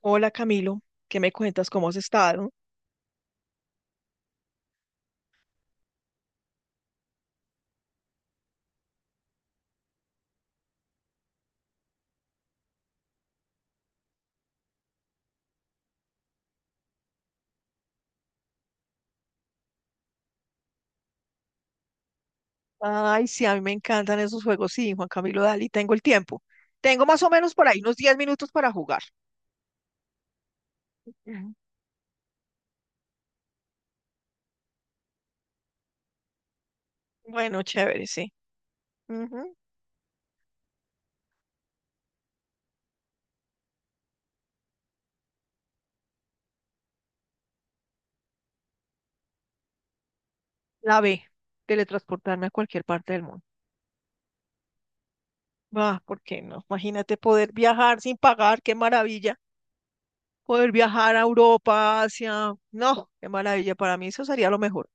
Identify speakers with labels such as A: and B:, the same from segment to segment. A: Hola Camilo, ¿qué me cuentas? ¿Cómo has estado? Ay, sí, a mí me encantan esos juegos. Sí, Juan Camilo, Dali, tengo el tiempo. Tengo más o menos por ahí unos 10 minutos para jugar. Ujú. Bueno, chévere, sí. Ujú. La B, teletransportarme a cualquier parte del mundo. Ah, ¿por qué no? Imagínate poder viajar sin pagar, qué maravilla. Poder viajar a Europa, Asia. No, qué maravilla. Para mí eso sería lo mejor.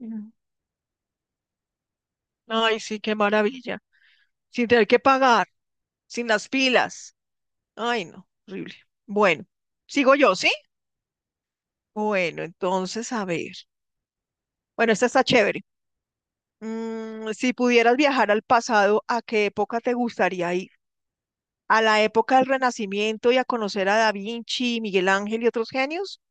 A: Ujú. Ay, sí, qué maravilla. Sin tener que pagar, sin las pilas. Ay, no, horrible. Bueno, sigo yo, ¿sí? Bueno, entonces, a ver. Bueno, esta está chévere. Si pudieras viajar al pasado, ¿a qué época te gustaría ir? ¿A la época del Renacimiento y a conocer a Da Vinci, Miguel Ángel y otros genios?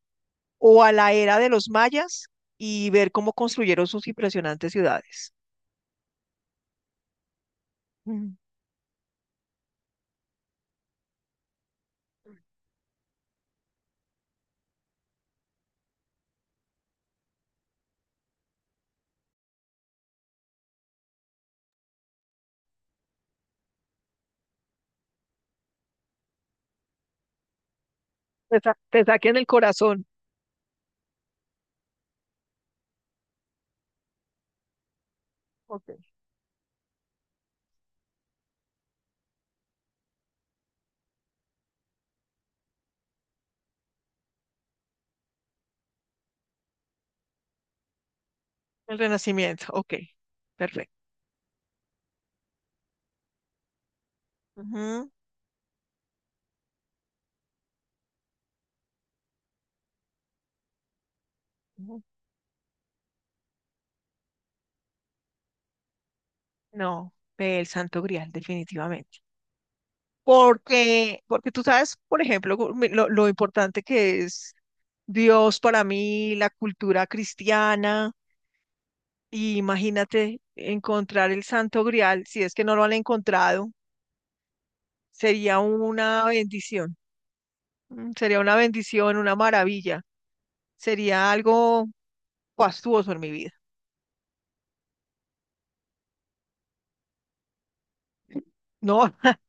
A: ¿O a la era de los mayas y ver cómo construyeron sus impresionantes ciudades? Mm. Te saquen el corazón. Ok. El Renacimiento, ok. Perfecto. Ujú, ujú. No, el Santo Grial, definitivamente. Porque, porque tú sabes, por ejemplo, lo importante que es Dios para mí, la cultura cristiana, y imagínate encontrar el Santo Grial, si es que no lo han encontrado, sería una bendición. Sería una bendición, una maravilla, sería algo fastuoso en mi vida. No,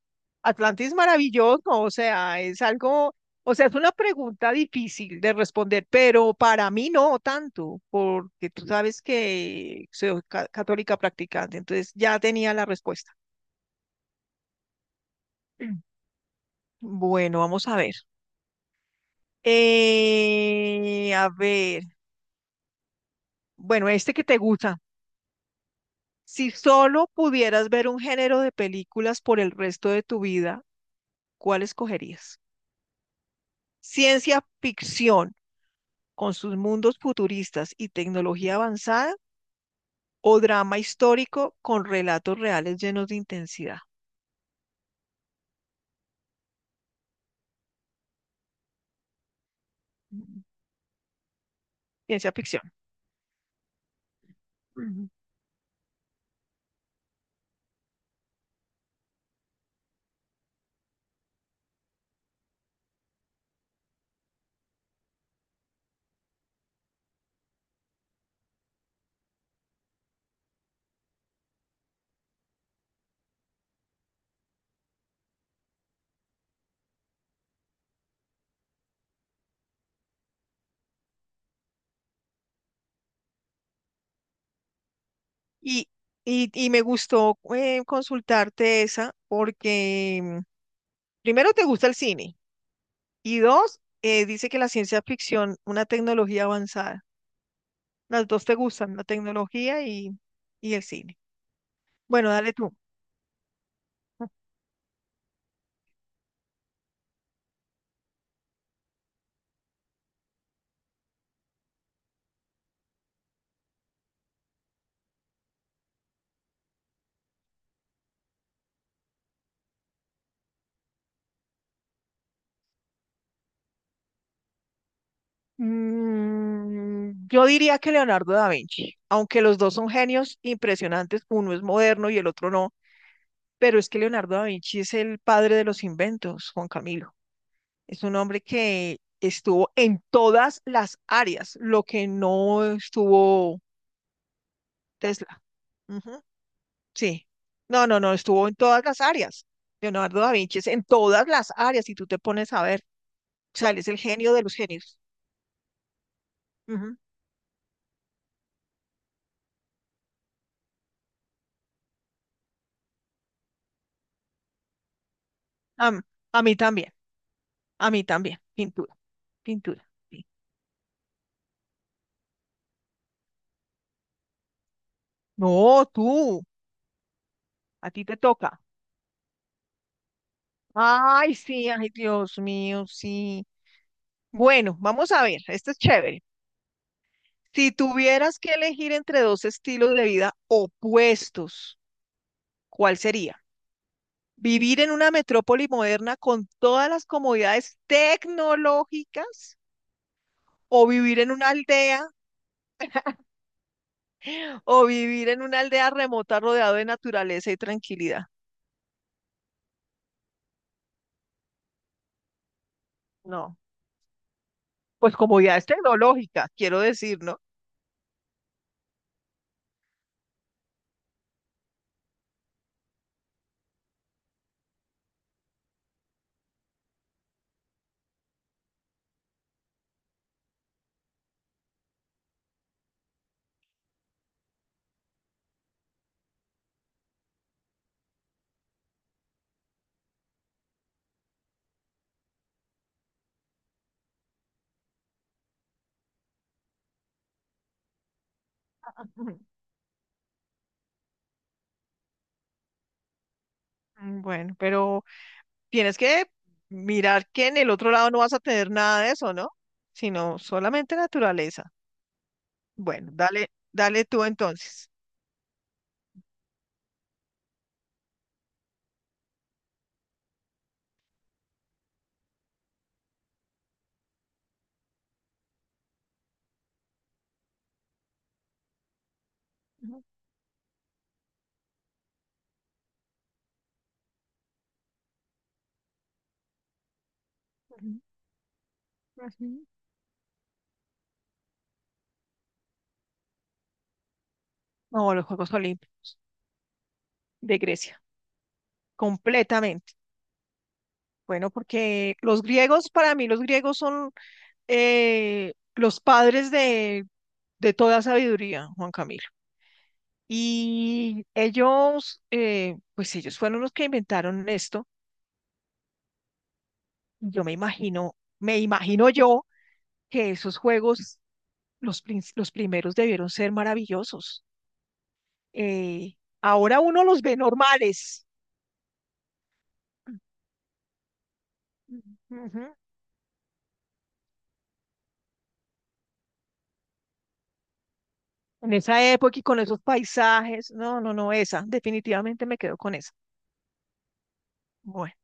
A: Atlante es maravilloso, o sea, es algo, o sea, es una pregunta difícil de responder, pero para mí no tanto, porque tú sabes que soy católica practicante, entonces ya tenía la respuesta. Mm. Bueno, vamos a ver. A ver, bueno, este que te gusta. Si solo pudieras ver un género de películas por el resto de tu vida, ¿cuál escogerías? Ciencia ficción, con sus mundos futuristas y tecnología avanzada, o drama histórico con relatos reales llenos de intensidad. Mm. Ciencia ficción. Ujú. Y, y me gustó consultarte esa porque primero te gusta el cine y dos, dice que la ciencia ficción, una tecnología avanzada. Las dos te gustan, la tecnología y el cine. Bueno, dale tú. Mm, yo diría que Leonardo da Vinci, aunque los dos son genios impresionantes, uno es moderno y el otro no, pero es que Leonardo da Vinci es el padre de los inventos, Juan Camilo. Es un hombre que estuvo en todas las áreas, lo que no estuvo Tesla. Ujú. Sí. No, no, no, estuvo en todas las áreas. Leonardo da Vinci es en todas las áreas, si tú te pones a ver. O sea, él es el genio de los genios. Ujú. Am- a mí también, a mí también, sin duda. Pintura. Sí. No, tú, a ti te toca. Ay, sí, ay, Dios mío, sí. Bueno, vamos a ver, esto es chévere. Si tuvieras que elegir entre dos estilos de vida opuestos, ¿cuál sería? ¿Vivir en una metrópoli moderna con todas las comodidades tecnológicas? ¿O vivir en una aldea? ¿O vivir en una aldea remota rodeado de naturaleza y tranquilidad? No, pues comodidades tecnológicas, quiero decir, ¿no? Bueno, pero tienes que mirar que en el otro lado no vas a tener nada de eso, ¿no? Sino solamente naturaleza. Bueno, dale, dale tú entonces. Ujú, ujú, ujú. No, los Juegos Olímpicos de Grecia, completamente. Bueno, porque los griegos, para mí los griegos son los padres de toda sabiduría, Juan Camilo. Y ellos, pues ellos fueron los que inventaron esto. Yo me imagino yo que esos juegos, los primeros debieron ser maravillosos. Eh, Ahora uno los ve normales. Ujú. En esa época y con esos paisajes. No, no, no, esa. Definitivamente me quedo con esa. Bueno,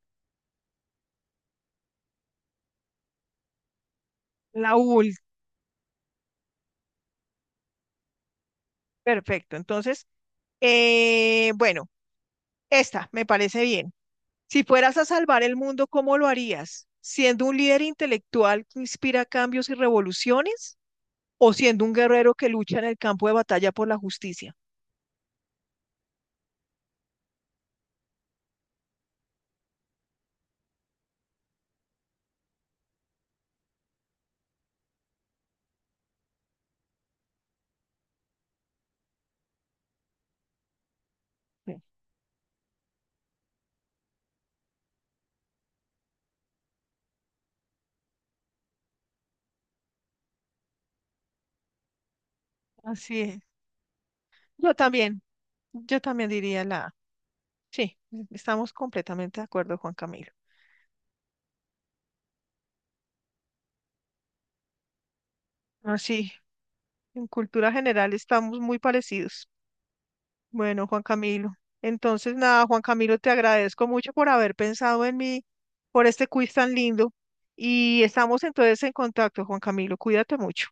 A: la última. Perfecto. Entonces, bueno, esta me parece bien. Si fueras a salvar el mundo, ¿cómo lo harías? ¿Siendo un líder intelectual que inspira cambios y revoluciones, o siendo un guerrero que lucha en el campo de batalla por la justicia? Sí. Así es. Yo también, yo también diría la A. Sí, estamos completamente de acuerdo, Juan Camilo. Así, en cultura general estamos muy parecidos. Bueno, Juan Camilo. Entonces, nada, Juan Camilo, te agradezco mucho por haber pensado en mí, por este quiz tan lindo. Y estamos entonces en contacto, Juan Camilo. Cuídate mucho.